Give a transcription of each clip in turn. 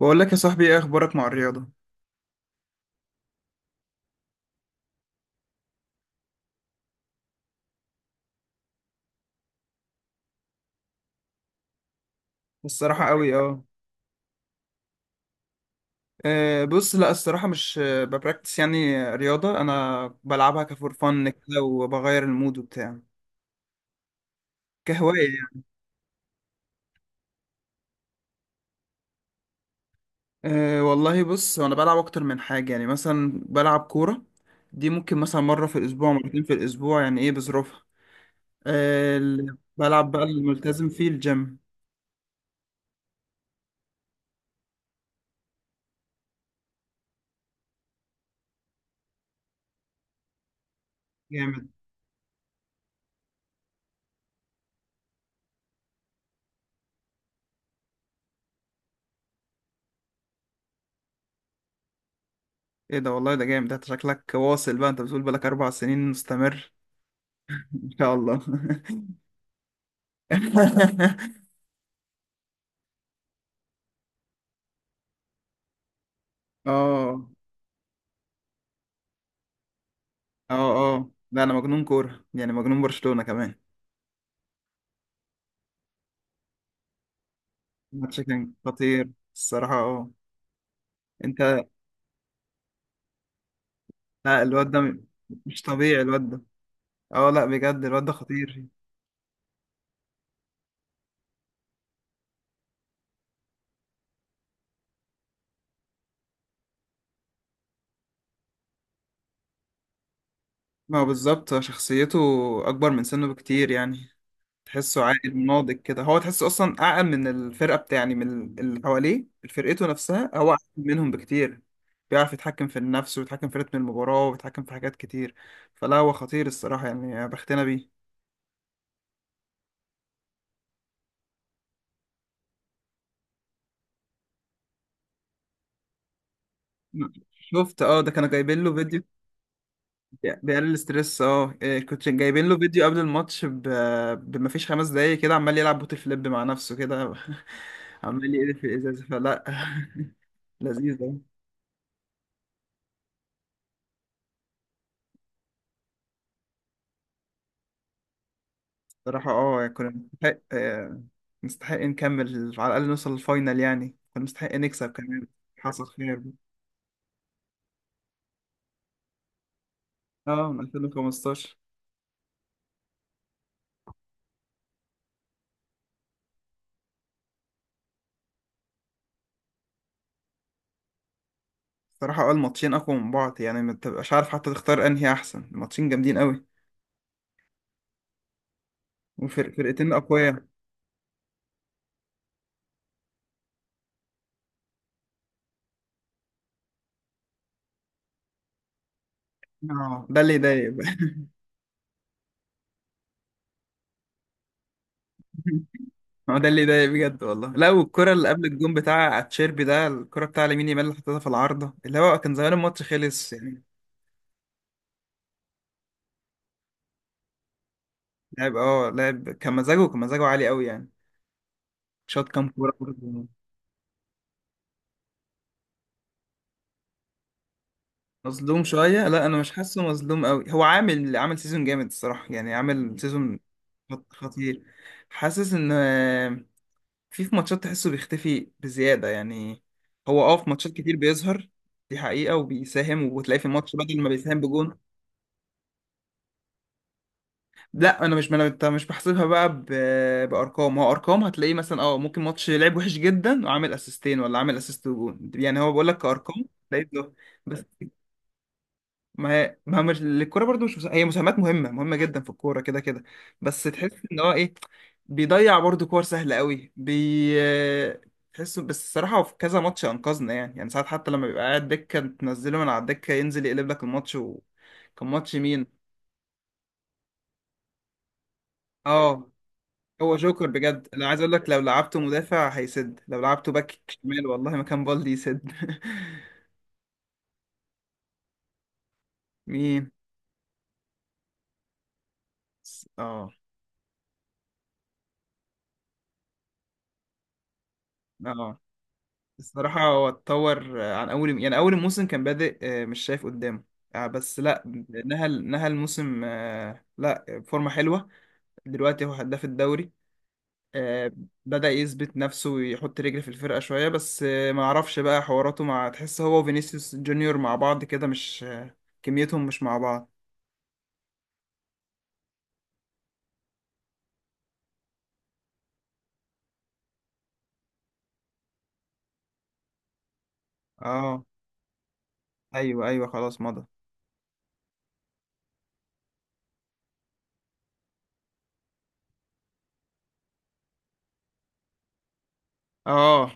بقول لك يا صاحبي، ايه اخبارك مع الرياضه؟ الصراحه قوي، اه. بص، لا الصراحه مش ببراكتس، يعني رياضه انا بلعبها كفور فن كده، وبغير المود وبتاع. كهوايه يعني. أه، والله بص، انا بلعب اكتر من حاجه، يعني مثلا بلعب كوره، دي ممكن مثلا مره في الاسبوع، مرتين في الاسبوع، يعني ايه بظروفها. أه، بلعب بقى الملتزم فيه الجيم. جامد. ايه ده، والله ده جامد، ده شكلك واصل بقى، انت بتقول بقالك 4 سنين مستمر. ان شاء الله. اه. اه اه، لا انا مجنون كوره، يعني مجنون برشلونه كمان. الماتش كان خطير الصراحه، اه. انت. لا الواد ده مش طبيعي الواد ده. اه لا بجد الواد ده خطير. ما هو بالظبط شخصيته اكبر من سنه بكتير يعني. تحسه عاقل ناضج كده، هو تحسه اصلا اعقل من الفرقه بتاع، يعني من اللي حواليه فرقته نفسها هو اعقل منهم بكتير. بيعرف يتحكم في النفس، ويتحكم في رتم المباراه، ويتحكم في حاجات كتير. فلا هو خطير الصراحه، يعني بختنا بيه. شفت، اه ده كانوا جايبين له فيديو. يعني بيقلل الستريس، اه إيه، كنت جايبين له فيديو قبل الماتش بما فيش 5 دقايق كده، عمال يلعب بوت فليب مع نفسه كده، عمال يقلب في الازازه فلا. لذيذ أوي. بصراحه، يعني كنا نستحق، نستحق نكمل على الاقل، نوصل للفاينل، يعني كنا نستحق نكسب كمان. حصل خير. اه، من 2015. بصراحه الماتشين اقوى من بعض، يعني ما تبقاش عارف حتى تختار انهي احسن. الماتشين جامدين قوي. وفرقتين اقوياء. اه، ده اللي يضايق بقى. ما هو ده اللي ضايق بجد والله. لا، والكرة اللي قبل الجون بتاع اتشيربي ده، الكرة بتاع لامين يامال اللي حطيتها في العارضة، اللي هو كان زمان الماتش خلص يعني. لاعب كان، مزاجه عالي قوي يعني. شاط كام كورة برضه. مظلوم شوية. لا أنا مش حاسه مظلوم قوي، هو عامل سيزون جامد الصراحة، يعني عامل سيزون خطير. حاسس إن في ماتشات تحسه بيختفي بزيادة يعني. هو في ماتشات كتير بيظهر، دي حقيقة، وبيساهم، وتلاقيه في الماتش بدل ما بيساهم بجون. لا انا مش، ما أنا- انت مش بحسبها بقى بارقام، هو ارقام هتلاقيه مثلا ممكن ماتش لعب وحش جدا وعامل اسيستين ولا عامل اسيست وجون، يعني هو بقول لك كارقام. لقيت له. بس ما هي مش الكوره برضو، مش هي مساهمات مهمه، مهمه جدا في الكوره كده كده. بس تحس ان هو ايه، بيضيع برضو كور سهله قوي تحسه، بس الصراحه هو في كذا ماتش انقذنا يعني ساعات حتى لما بيبقى قاعد دكه، تنزله من على الدكه ينزل يقلب لك الماتش. وكان ماتش مين؟ اه، هو جوكر بجد، انا عايز اقول لك لو لعبته مدافع هيسد، لو لعبته باك شمال والله مكان بالدي يسد. مين؟ س- اه اه الصراحة هو اتطور عن اول، يعني اول الموسم كان بادئ مش شايف قدامه بس لا نهى الموسم لا فورمة حلوة دلوقتي، هو هداف الدوري. آه، بدأ يثبت نفسه ويحط رجل في الفرقة شوية، بس ما اعرفش بقى حواراته مع، تحس هو وفينيسيوس جونيور مع بعض كده مش كميتهم مش مع بعض. اه، ايوه ايوه، خلاص مضى. اه.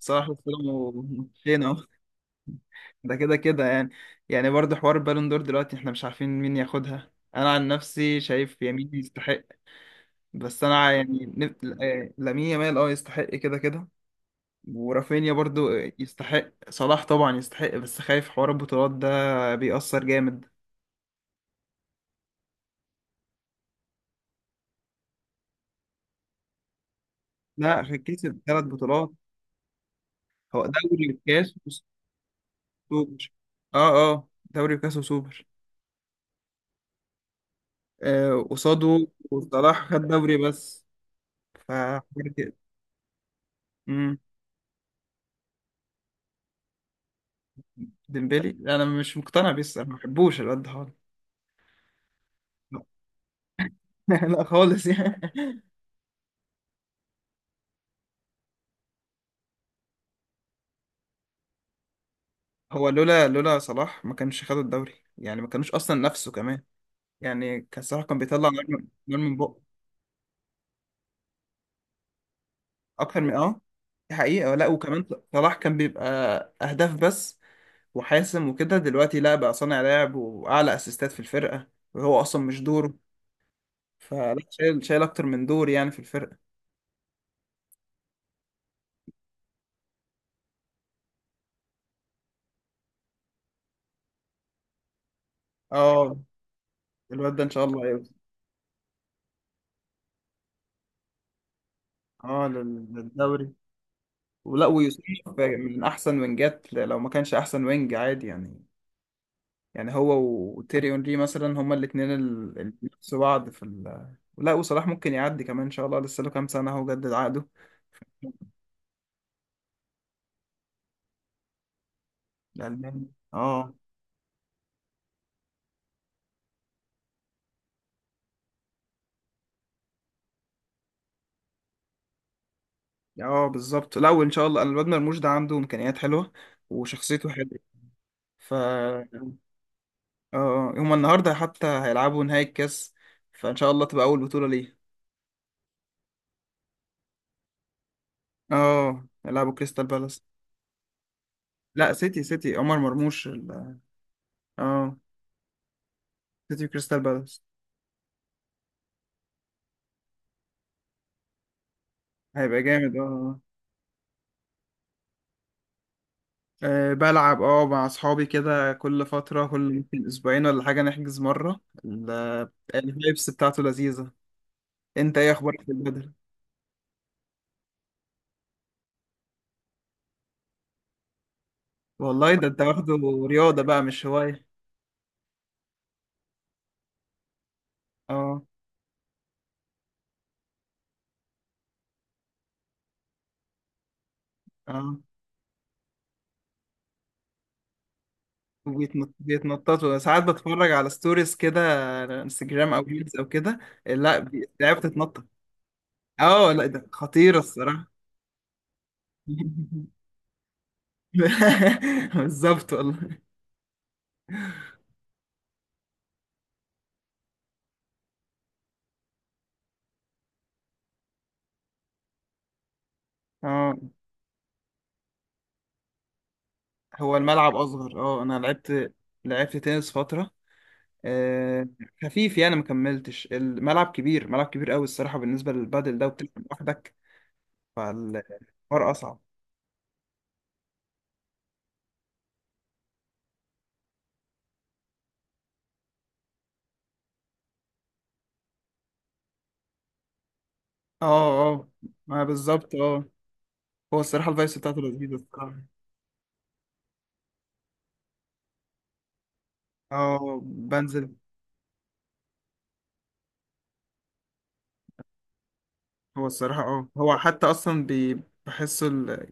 صلاح وسلم فين اهو. ده كده كده يعني. يعني برضه حوار بالون دور دلوقتي، احنا مش عارفين مين ياخدها. انا عن نفسي شايف يمين يستحق، بس انا يعني لامين يامال يستحق كده كده. ورافينيا برضه. يستحق صلاح طبعا يستحق، بس خايف حوار البطولات ده بيأثر جامد. لا كسب 3 بطولات. هو دوري وكاس وسوبر. اه اه دوري وكاس وسوبر، قصاده. صلاح خد دوري بس. فحوار كده. امم ديمبلي، انا مش مقتنع بيه الصراحة، ما بحبوش الواد ده خالص. لا خالص يعني. هو لولا صلاح ما كانش خد الدوري، يعني ما كانوش اصلا نفسه كمان. يعني كان صلاح كان بيطلع نار، من نار من بقه. اكتر من، دي حقيقة. لا وكمان صلاح كان بيبقى اهداف بس وحاسم وكده، دلوقتي لا بقى صانع لعب واعلى اسيستات في الفرقة، وهو اصلا مش دوره. فلا شايل، شايل اكتر من دور يعني في الفرقة. اه، الواد ده ان شاء الله هيوصل. اه للدوري. ولا ويوسف من احسن وينجات، لو ما كانش احسن وينج عادي يعني. يعني هو وتيري اونري مثلا هما الاثنين اللي بينافسوا بعض في لا وصلاح ممكن يعدي كمان ان شاء الله، لسه له كام سنه اهو جدد عقده. الالماني. اه اه بالظبط. لا وان شاء الله الواد مرموش ده عنده امكانيات حلوه وشخصيته حلوه. ف اه، هما النهارده حتى هيلعبوا نهائي الكاس، فان شاء الله تبقى اول بطوله ليه. اه هيلعبوا كريستال بالاس. لا سيتي عمر مرموش اه سيتي كريستال بالاس. هيبقى جامد، اه. بلعب مع اصحابي كده كل فترة، كل يمكن اسبوعين ولا حاجة نحجز مرة الفايبس بتاعته لذيذة. انت ايه اخبارك في البدل؟ والله ده انت واخده. رياضة بقى مش هواية. اه اه، وبيتنط- بيتنططوا ساعات، بتفرج على ستوريز كده على انستجرام او ريلز او كده. لا لعبة تتنطط. اه لا ده خطيرة الصراحة. بالظبط والله. اه، هو الملعب اصغر. اه، انا لعبت تنس فتره، آه، خفيف يعني ما كملتش، الملعب كبير، ملعب كبير قوي الصراحه بالنسبه للبادل ده، وبتلعب لوحدك فالحوار اصعب. اه اه، ما بالظبط، هو الصراحه الفايبس بتاعته لذيذه الصراحه. اه، بنزل. هو الصراحه هو حتى اصلا بحسه